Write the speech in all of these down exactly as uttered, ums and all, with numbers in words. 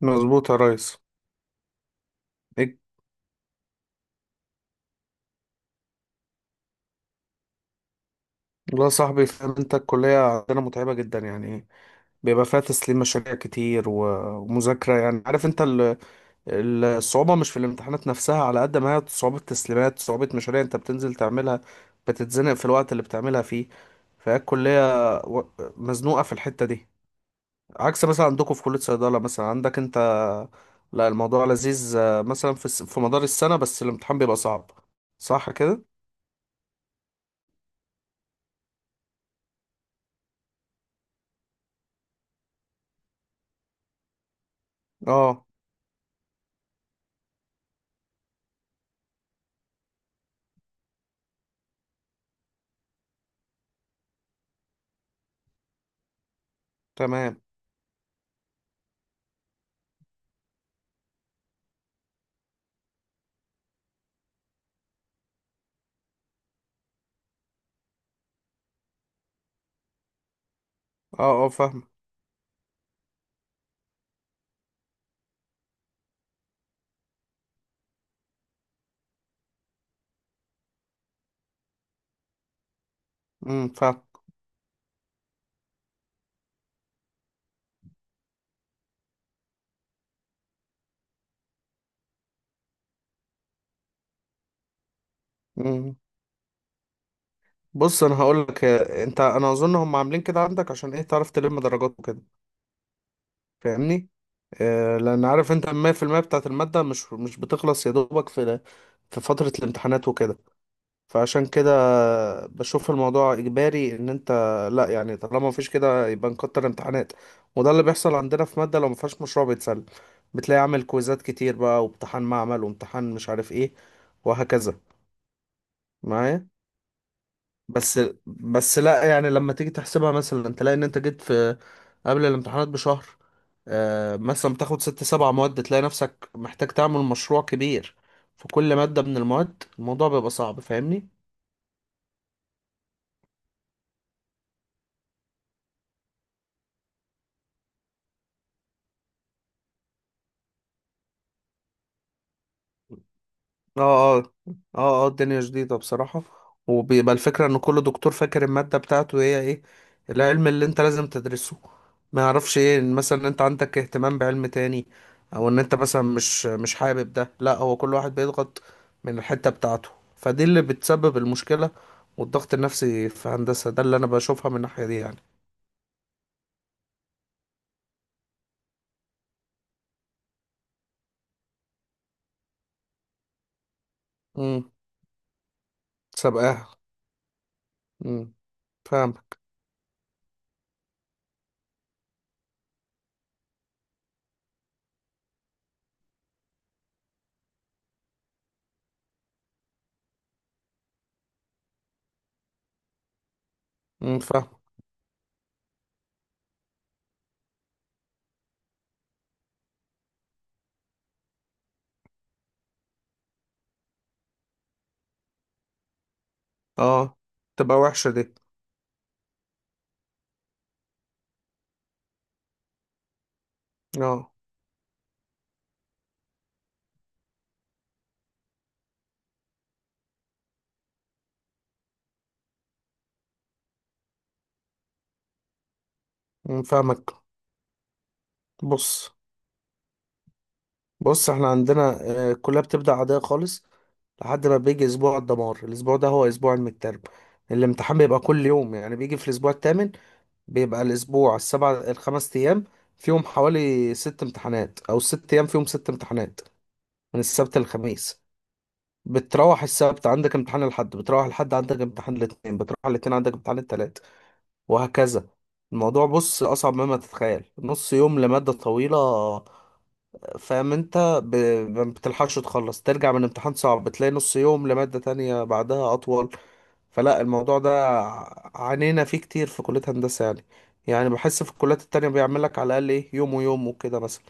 مظبوط يا ريس. إيه؟ والله يا صاحبي، فاهم انت الكلية عندنا متعبة جدا يعني. بيبقى فيها تسليم مشاريع كتير و- ومذاكرة، يعني عارف انت ال- ال- الصعوبة مش في الامتحانات نفسها، على قد ما هي صعوبة تسليمات، صعوبة مشاريع انت بتنزل تعملها، بتتزنق في الوقت اللي بتعملها فيه. فهي الكلية و- مزنوقة في الحتة دي، عكس مثلا عندكم في كلية صيدلة، مثلا عندك انت لا الموضوع لذيذ. آه، مثلا في الس- في مدار السنة بس الامتحان بيبقى صعب. صح كده؟ اه. تمام. اه اه، فاهم. امم فاهم. امم بص، انا هقول لك، انت انا اظن هم عاملين كده عندك عشان ايه؟ تعرف تلم درجات وكده. فاهمني؟ آه، لان عارف انت المية في المية بتاعت المادة مش مش بتخلص يا دوبك في في فترة الامتحانات وكده. فعشان كده بشوف الموضوع اجباري ان انت، لا يعني طالما مفيش كده يبقى نكتر امتحانات. وده اللي بيحصل عندنا في مادة لو مفيهاش مشروع بيتسلم، بتلاقي عامل كويزات كتير بقى، وامتحان معمل، وامتحان مش عارف ايه، وهكذا معايا. بس، بس لا يعني لما تيجي تحسبها مثلا تلاقي ان انت جيت في قبل الامتحانات بشهر. آه، مثلا بتاخد ست سبع مواد تلاقي نفسك محتاج تعمل مشروع كبير في كل مادة من المواد. الموضوع بيبقى صعب، فاهمني؟ اه اه. اه اه، الدنيا جديدة بصراحة. وبيبقى الفكرة ان كل دكتور فاكر المادة بتاعته هي ايه العلم اللي انت لازم تدرسه. ما يعرفش ايه، إن مثلا انت عندك اهتمام بعلم تاني، او ان انت مثلا مش مش حابب ده. لا، هو كل واحد بيضغط من الحتة بتاعته، فدي اللي بتسبب المشكلة والضغط النفسي في هندسة. ده اللي انا بشوفها من الناحية دي يعني. امم سابقاها. امم فاهم. امم فاهم. اه، تبقى وحشة دي. اه. أمم، فاهمك. بص، بص احنا عندنا آه، الكلية بتبدأ عادية خالص لحد ما بيجي اسبوع الدمار. الاسبوع ده هو اسبوع المترم، الامتحان بيبقى كل يوم، يعني بيجي في الاسبوع الثامن. بيبقى الاسبوع السبع، الخمس ايام فيهم حوالي ست امتحانات، او ست ايام فيهم ست امتحانات من السبت للخميس. بتروح السبت عندك امتحان، الاحد بتروح الاحد عندك امتحان، الاثنين بتروح الاثنين عندك امتحان الثلاث، وهكذا. الموضوع، بص، اصعب مما تتخيل. نص يوم لمادة طويلة، فاهم انت؟ ب... ما بتلحقش تخلص ترجع من امتحان صعب، بتلاقي نص يوم لمادة تانية بعدها اطول. فلا الموضوع ده ع- عانينا فيه كتير في كلية هندسة يعني. يعني بحس في الكليات التانية بيعمل لك على الاقل ايه، يوم ويوم وكده مثلا.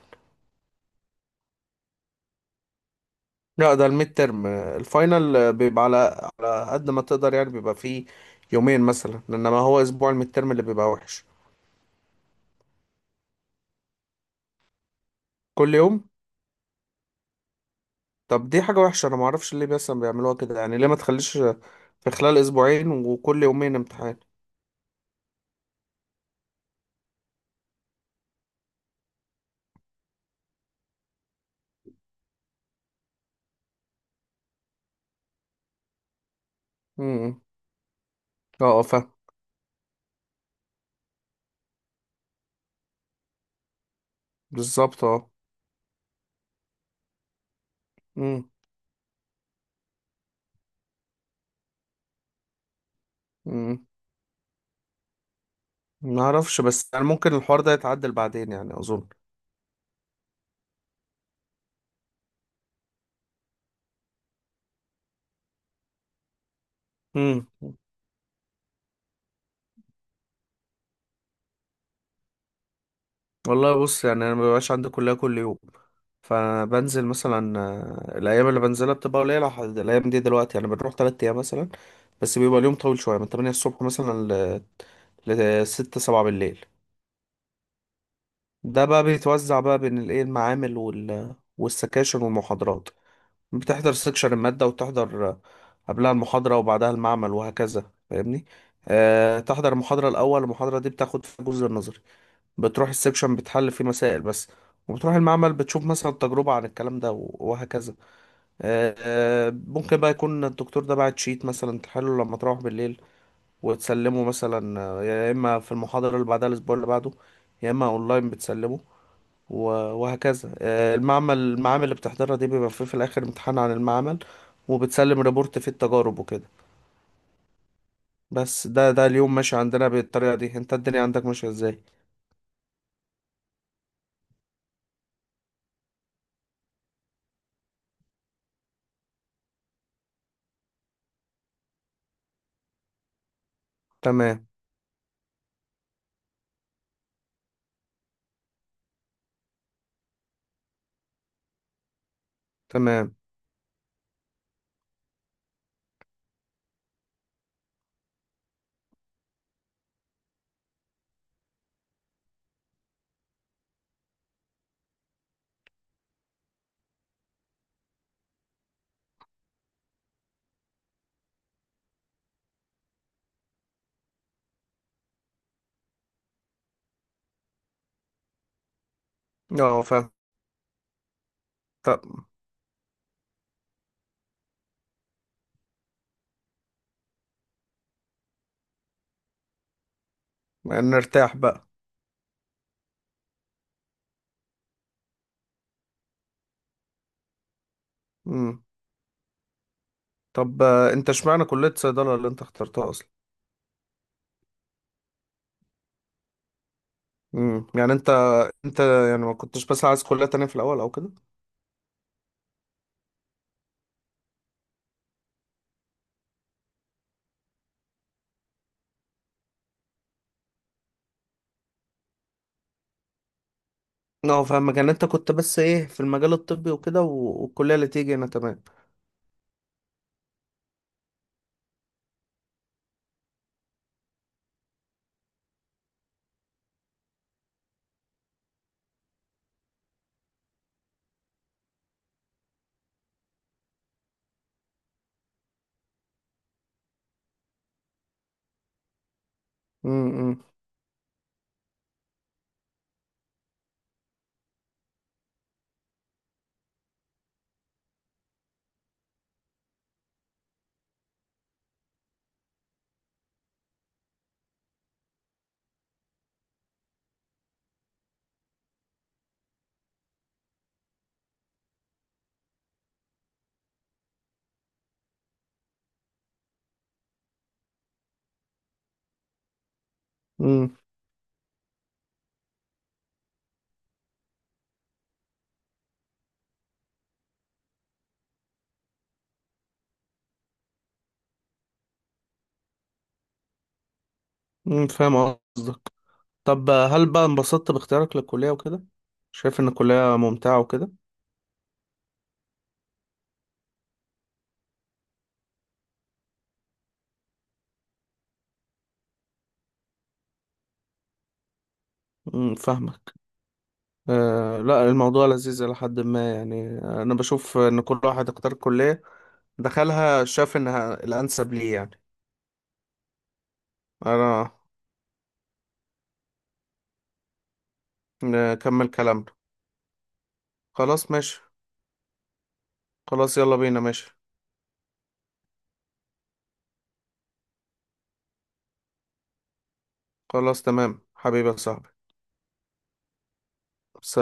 لا، ده الميد ترم. الفاينل بيبقى على على قد ما تقدر يعني، بيبقى فيه يومين مثلا، انما هو اسبوع الميد ترم اللي بيبقى وحش. كل يوم. طب دي حاجة وحشة، انا معرفش ليه مثلا بيعملوها كده يعني. ليه ما تخليش في خلال اسبوعين وكل يومين امتحان؟ اه اه، فاهم. بالظبط، اه. امم امم ما اعرفش، بس يعني ممكن الحوار ده يتعدل بعدين يعني اظن. امم والله بص، يعني انا ما بيبقاش عندي كلية كل يوم. فبنزل مثلا، آه، الايام اللي بنزلها بتبقى قليلة. ح- الايام دي دلوقتي يعني بنروح 3 ايام مثلا، بس بيبقى اليوم طويل شوية، من تمانية الصبح مثلا ل ل ستة سبعة بالليل. ده بقى بيتوزع بقى بين الايه المعامل وال... والسكاشن والمحاضرات. بتحضر سكشن المادة، وتحضر آه، قبلها المحاضرة، وبعدها المعمل، وهكذا. فاهمني؟ أه. تحضر المحاضرة الأول، المحاضرة دي بتاخد في الجزء النظري، بتروح السكشن بتحل فيه مسائل بس، وبتروح المعمل بتشوف مثلا تجربة عن الكلام ده، و- وهكذا. أه. آه، ممكن بقى يكون الدكتور ده بعت شيت مثلا تحله لما تروح بالليل، وتسلمه مثلا آه، يا إما في المحاضرة اللي بعدها الأسبوع اللي بعده، يا إما أونلاين بتسلمه و- وهكذا. آه، المعمل، المعامل اللي بتحضرها دي بيبقى فيه في الآخر امتحان عن المعمل، وبتسلم ريبورت فيه التجارب وكده. بس ده ده اليوم ماشي عندنا بالطريقة دي. انت الدنيا عندك ماشية ازاي؟ تمام. تمام. اه، فاهم. طب نرتاح بقى. مم. طب آه، انت اشمعنى كلية صيدلة اللي انت اخترتها اصلا؟ مم. يعني انت، انت يعني ما كنتش بس عايز كلية تانية في الأول او كده؟ اه، فاهمك. يعني انت كنت بس ايه في المجال الطبي وكده و- والكلية اللي تيجي هنا. تمام. امم امم فاهم قصدك. طب هل بقى انبسطت باختيارك للكلية وكده؟ شايف إن الكلية ممتعة وكده؟ أمم، فاهمك. آه لا، الموضوع لذيذ إلى حد ما يعني. أنا بشوف إن كل واحد اختار كلية دخلها شاف إنها الأنسب ليه يعني. أنا نكمل كلامنا. خلاص ماشي. خلاص يلا بينا ماشي. خلاص تمام حبيبي يا صاحبي. سلام.